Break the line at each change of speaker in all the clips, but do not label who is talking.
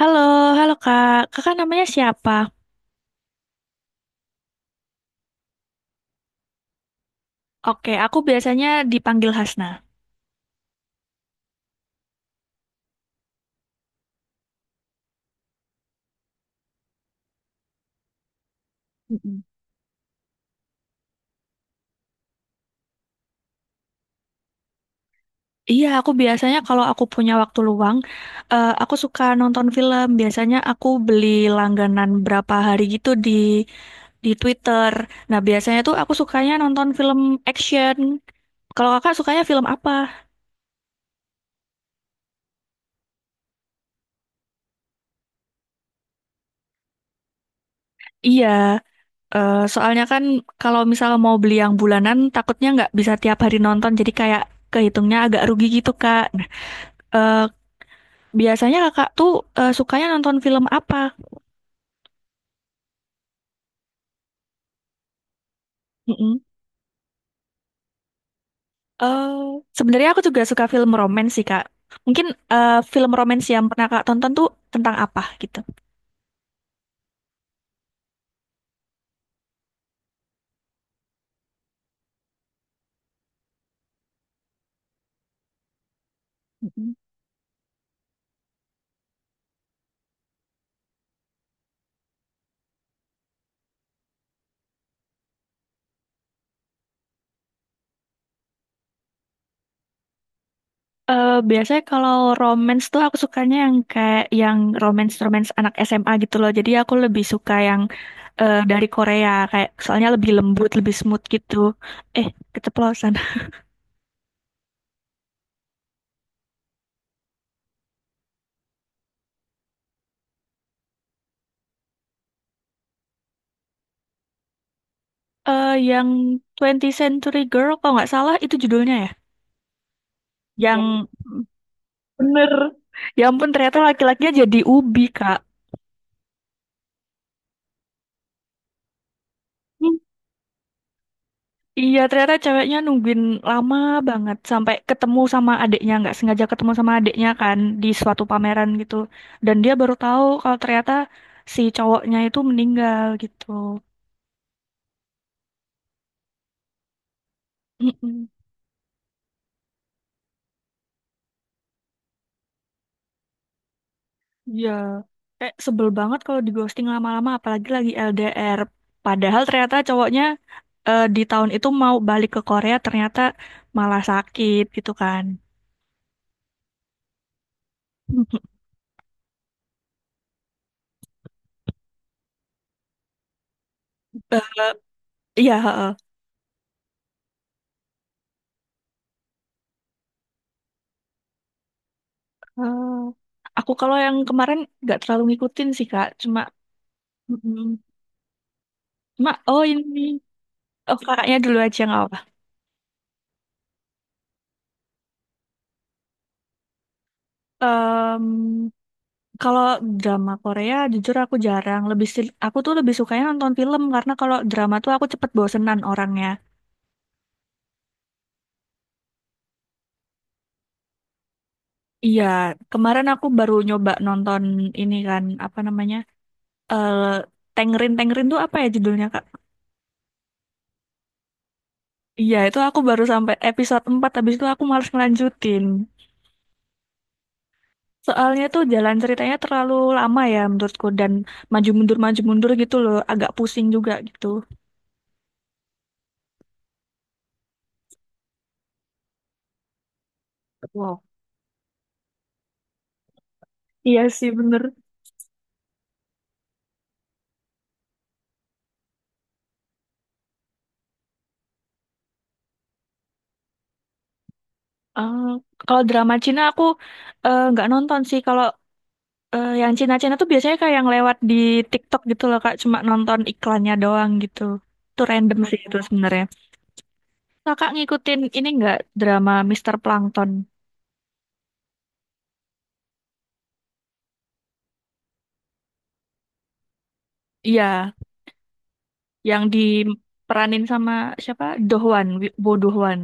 Halo, halo Kak. Kakak namanya siapa? Oke, aku biasanya dipanggil Hasna. Mm-mm. Iya, aku biasanya kalau aku punya waktu luang, aku suka nonton film. Biasanya aku beli langganan berapa hari gitu di Twitter. Nah, biasanya tuh aku sukanya nonton film action. Kalau kakak sukanya film apa? Iya, soalnya kan kalau misal mau beli yang bulanan, takutnya nggak bisa tiap hari nonton. Jadi kayak kehitungnya agak rugi gitu, Kak. Nah, eh, biasanya kakak tuh sukanya nonton film apa? Mm-mm. Eh, Sebenarnya aku juga suka film romans sih kak. Mungkin film romans yang pernah kak tonton tuh tentang apa gitu? Mm-mm. Biasanya kalau romance tuh aku sukanya yang kayak yang romance-romance anak SMA gitu loh. Jadi aku lebih suka yang dari Korea kayak soalnya lebih lembut, lebih smooth gitu. Eh, Keceplosan. Yang 20 Century Girl kalau nggak salah itu judulnya ya. Yang Iya. Bener. Ya ampun, ternyata laki-lakinya jadi ubi, Kak. Hmm. Iya, ternyata ceweknya nungguin lama banget sampai ketemu sama adiknya, nggak sengaja ketemu sama adiknya kan di suatu pameran gitu. Dan dia baru tahu kalau ternyata si cowoknya itu meninggal gitu. Mm-mm. Iya, kayak sebel banget kalau di ghosting lama-lama, apalagi lagi LDR. Padahal ternyata cowoknya di tahun itu mau balik ke Korea, ternyata malah sakit gitu kan. Eh, Iya, heeh. Eh, aku kalau yang kemarin nggak terlalu ngikutin sih Kak, cuma mm, cuma oh ini oh kakaknya dulu aja nggak apa. Em, Kalau drama Korea jujur aku jarang, aku tuh lebih sukanya nonton film karena kalau drama tuh aku cepet bosenan orangnya. Iya, kemarin aku baru nyoba nonton ini kan apa namanya? eh Tengrin Tengrin tuh apa ya judulnya Kak? Iya, itu aku baru sampai episode 4 habis itu aku males ngelanjutin. Soalnya tuh jalan ceritanya terlalu lama ya menurutku dan maju mundur gitu loh, agak pusing juga gitu. Wow. Iya sih bener. Eh, Kalau drama Cina aku nggak nonton sih. Kalau yang Cina-Cina tuh biasanya kayak yang lewat di TikTok gitu loh kak, cuma nonton iklannya doang gitu. Itu random sih itu sebenarnya. Kakak ngikutin ini nggak drama Mister Plankton? Iya, yang diperanin sama siapa? Dohwan, Bo Dohwan.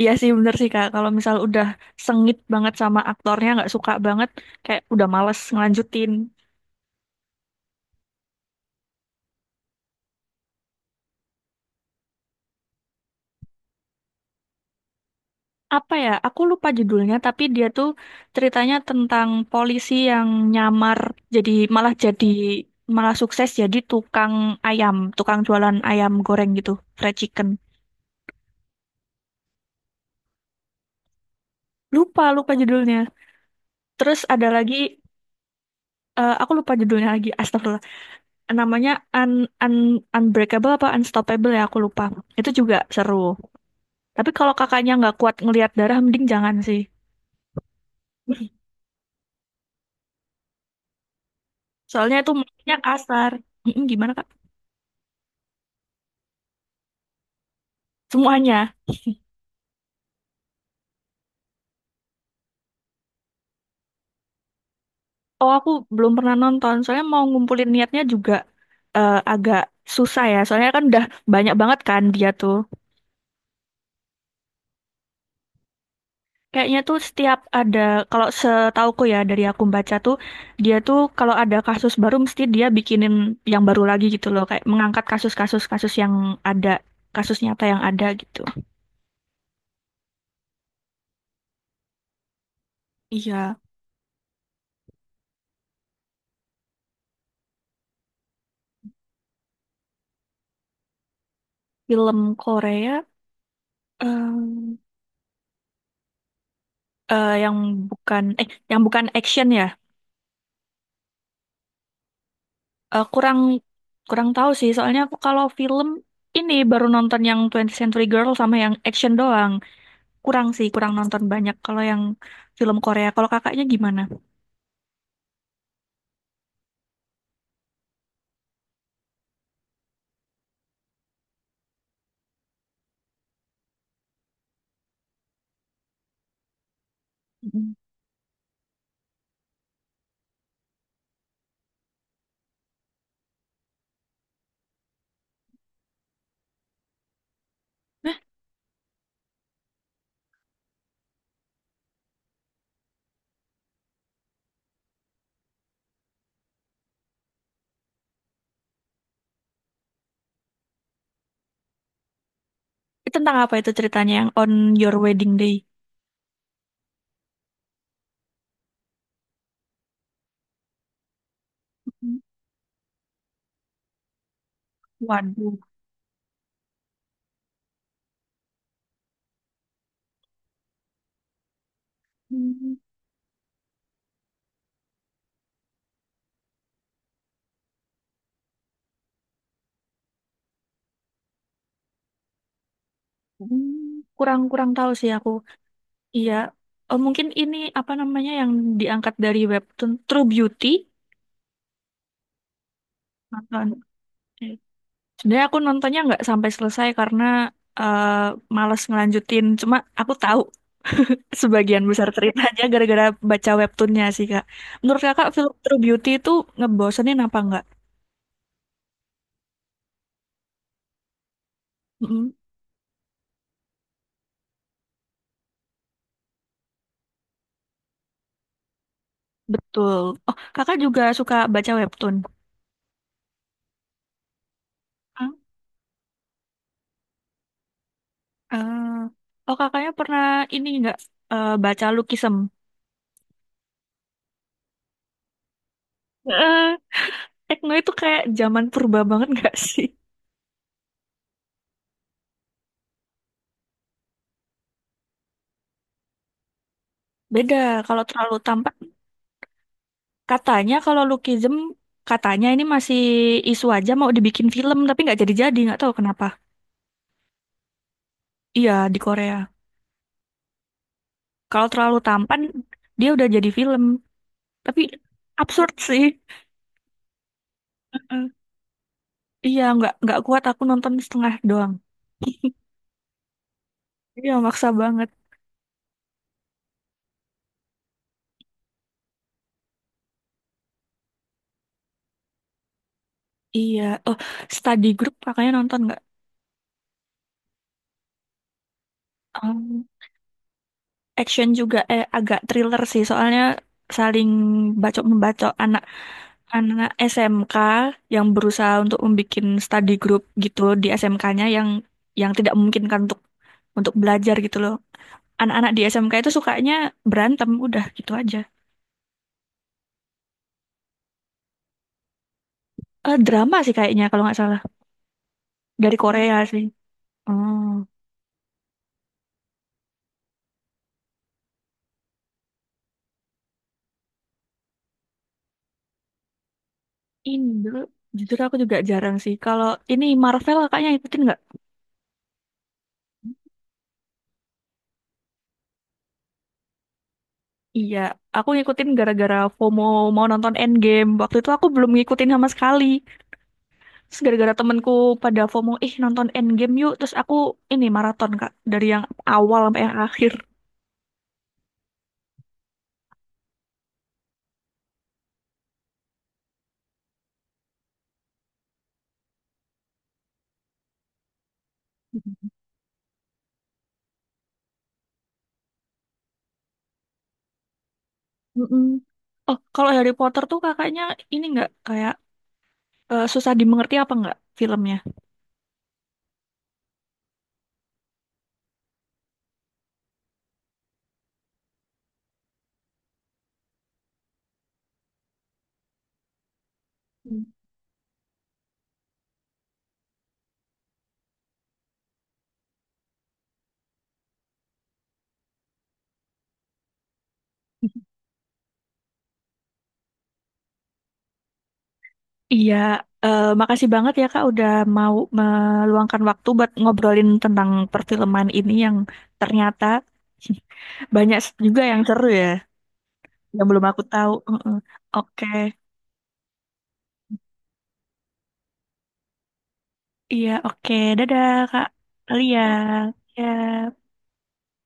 Iya sih bener sih Kak, kalau misal udah sengit banget sama aktornya, nggak suka banget, kayak udah males ngelanjutin. Apa ya, aku lupa judulnya, tapi dia tuh ceritanya tentang polisi yang nyamar, jadi, malah sukses jadi tukang ayam, tukang jualan ayam goreng gitu, fried chicken. Lupa, lupa judulnya. Terus ada lagi, aku lupa judulnya lagi, astagfirullah. Namanya Un Un Unbreakable apa Unstoppable ya, aku lupa. Itu juga seru. Tapi kalau kakaknya nggak kuat ngelihat darah, mending jangan sih. Soalnya itu mulutnya kasar. Mm-mm, gimana kak? Semuanya. Oh aku belum pernah nonton. Soalnya mau ngumpulin niatnya juga agak susah ya. Soalnya kan udah banyak banget kan dia tuh. Kayaknya tuh setiap ada kalau setauku ya dari aku baca tuh dia tuh kalau ada kasus baru mesti dia bikinin yang baru lagi gitu loh. Kayak mengangkat kasus-kasus kasus yang ada kasus nyata yang ada gitu. Iya, film Korea. Yang bukan yang bukan action ya. Kurang kurang tahu sih soalnya aku kalau film ini baru nonton yang 20 Century Girl sama yang action doang. Kurang sih, kurang nonton banyak kalau yang film Korea. Kalau kakaknya gimana? Mm. Itu tentang apa itu ceritanya yang On Your Wedding Day? Mm. Waduh. Mm. Mm. Kurang-kurang tahu sih aku. Iya, mungkin ini apa namanya yang diangkat dari webtoon True Beauty. Nonton. Sebenarnya aku nontonnya nggak sampai selesai karena eh, males ngelanjutin. Cuma aku tahu sebagian besar ceritanya gara-gara baca webtoonnya sih, Kak. Menurut Kakak, film True Beauty itu ngebosenin apa nggak? Mm-mm, betul. Oh, Kakak juga suka baca webtoon? Hmm, oh, Kakaknya pernah ini nggak baca Lukisem? Eh, Tekno itu kayak zaman purba banget nggak sih? Beda, kalau terlalu tampak. Katanya kalau Lookism, katanya ini masih isu aja mau dibikin film, tapi nggak jadi-jadi, nggak tahu kenapa. Iya, di Korea. Kalau terlalu tampan, dia udah jadi film. Tapi absurd sih. Heeh. Iya, nggak kuat aku nonton setengah doang. Iya, maksa banget. Iya. Oh, study group kakaknya nonton nggak? Oh. Action juga agak thriller sih soalnya saling bacok membacok anak anak SMK yang berusaha untuk membuat study group gitu di SMK-nya yang tidak memungkinkan untuk belajar gitu loh. Anak-anak di SMK itu sukanya berantem udah gitu aja. Drama sih kayaknya kalau nggak salah dari Korea sih. Oh, Indo jujur aku juga jarang sih. Kalau ini Marvel kakaknya ikutin nggak? Iya, aku ngikutin gara-gara FOMO mau nonton Endgame. Waktu itu aku belum ngikutin sama sekali. Terus gara-gara temenku pada FOMO, ih nonton Endgame yuk. Terus aku ini maraton, Kak. Dari yang awal sampai yang akhir. Mm-mm. Oh, kalau Harry Potter tuh kakaknya ini nggak kayak susah dimengerti apa nggak filmnya? Hmm. Iya, makasih banget ya Kak udah mau meluangkan waktu buat ngobrolin tentang perfilman ini yang ternyata banyak juga yang seru ya. Yang belum aku tahu. Heeh. Oke, iya, oke, Dadah, Kak. Lia, ya.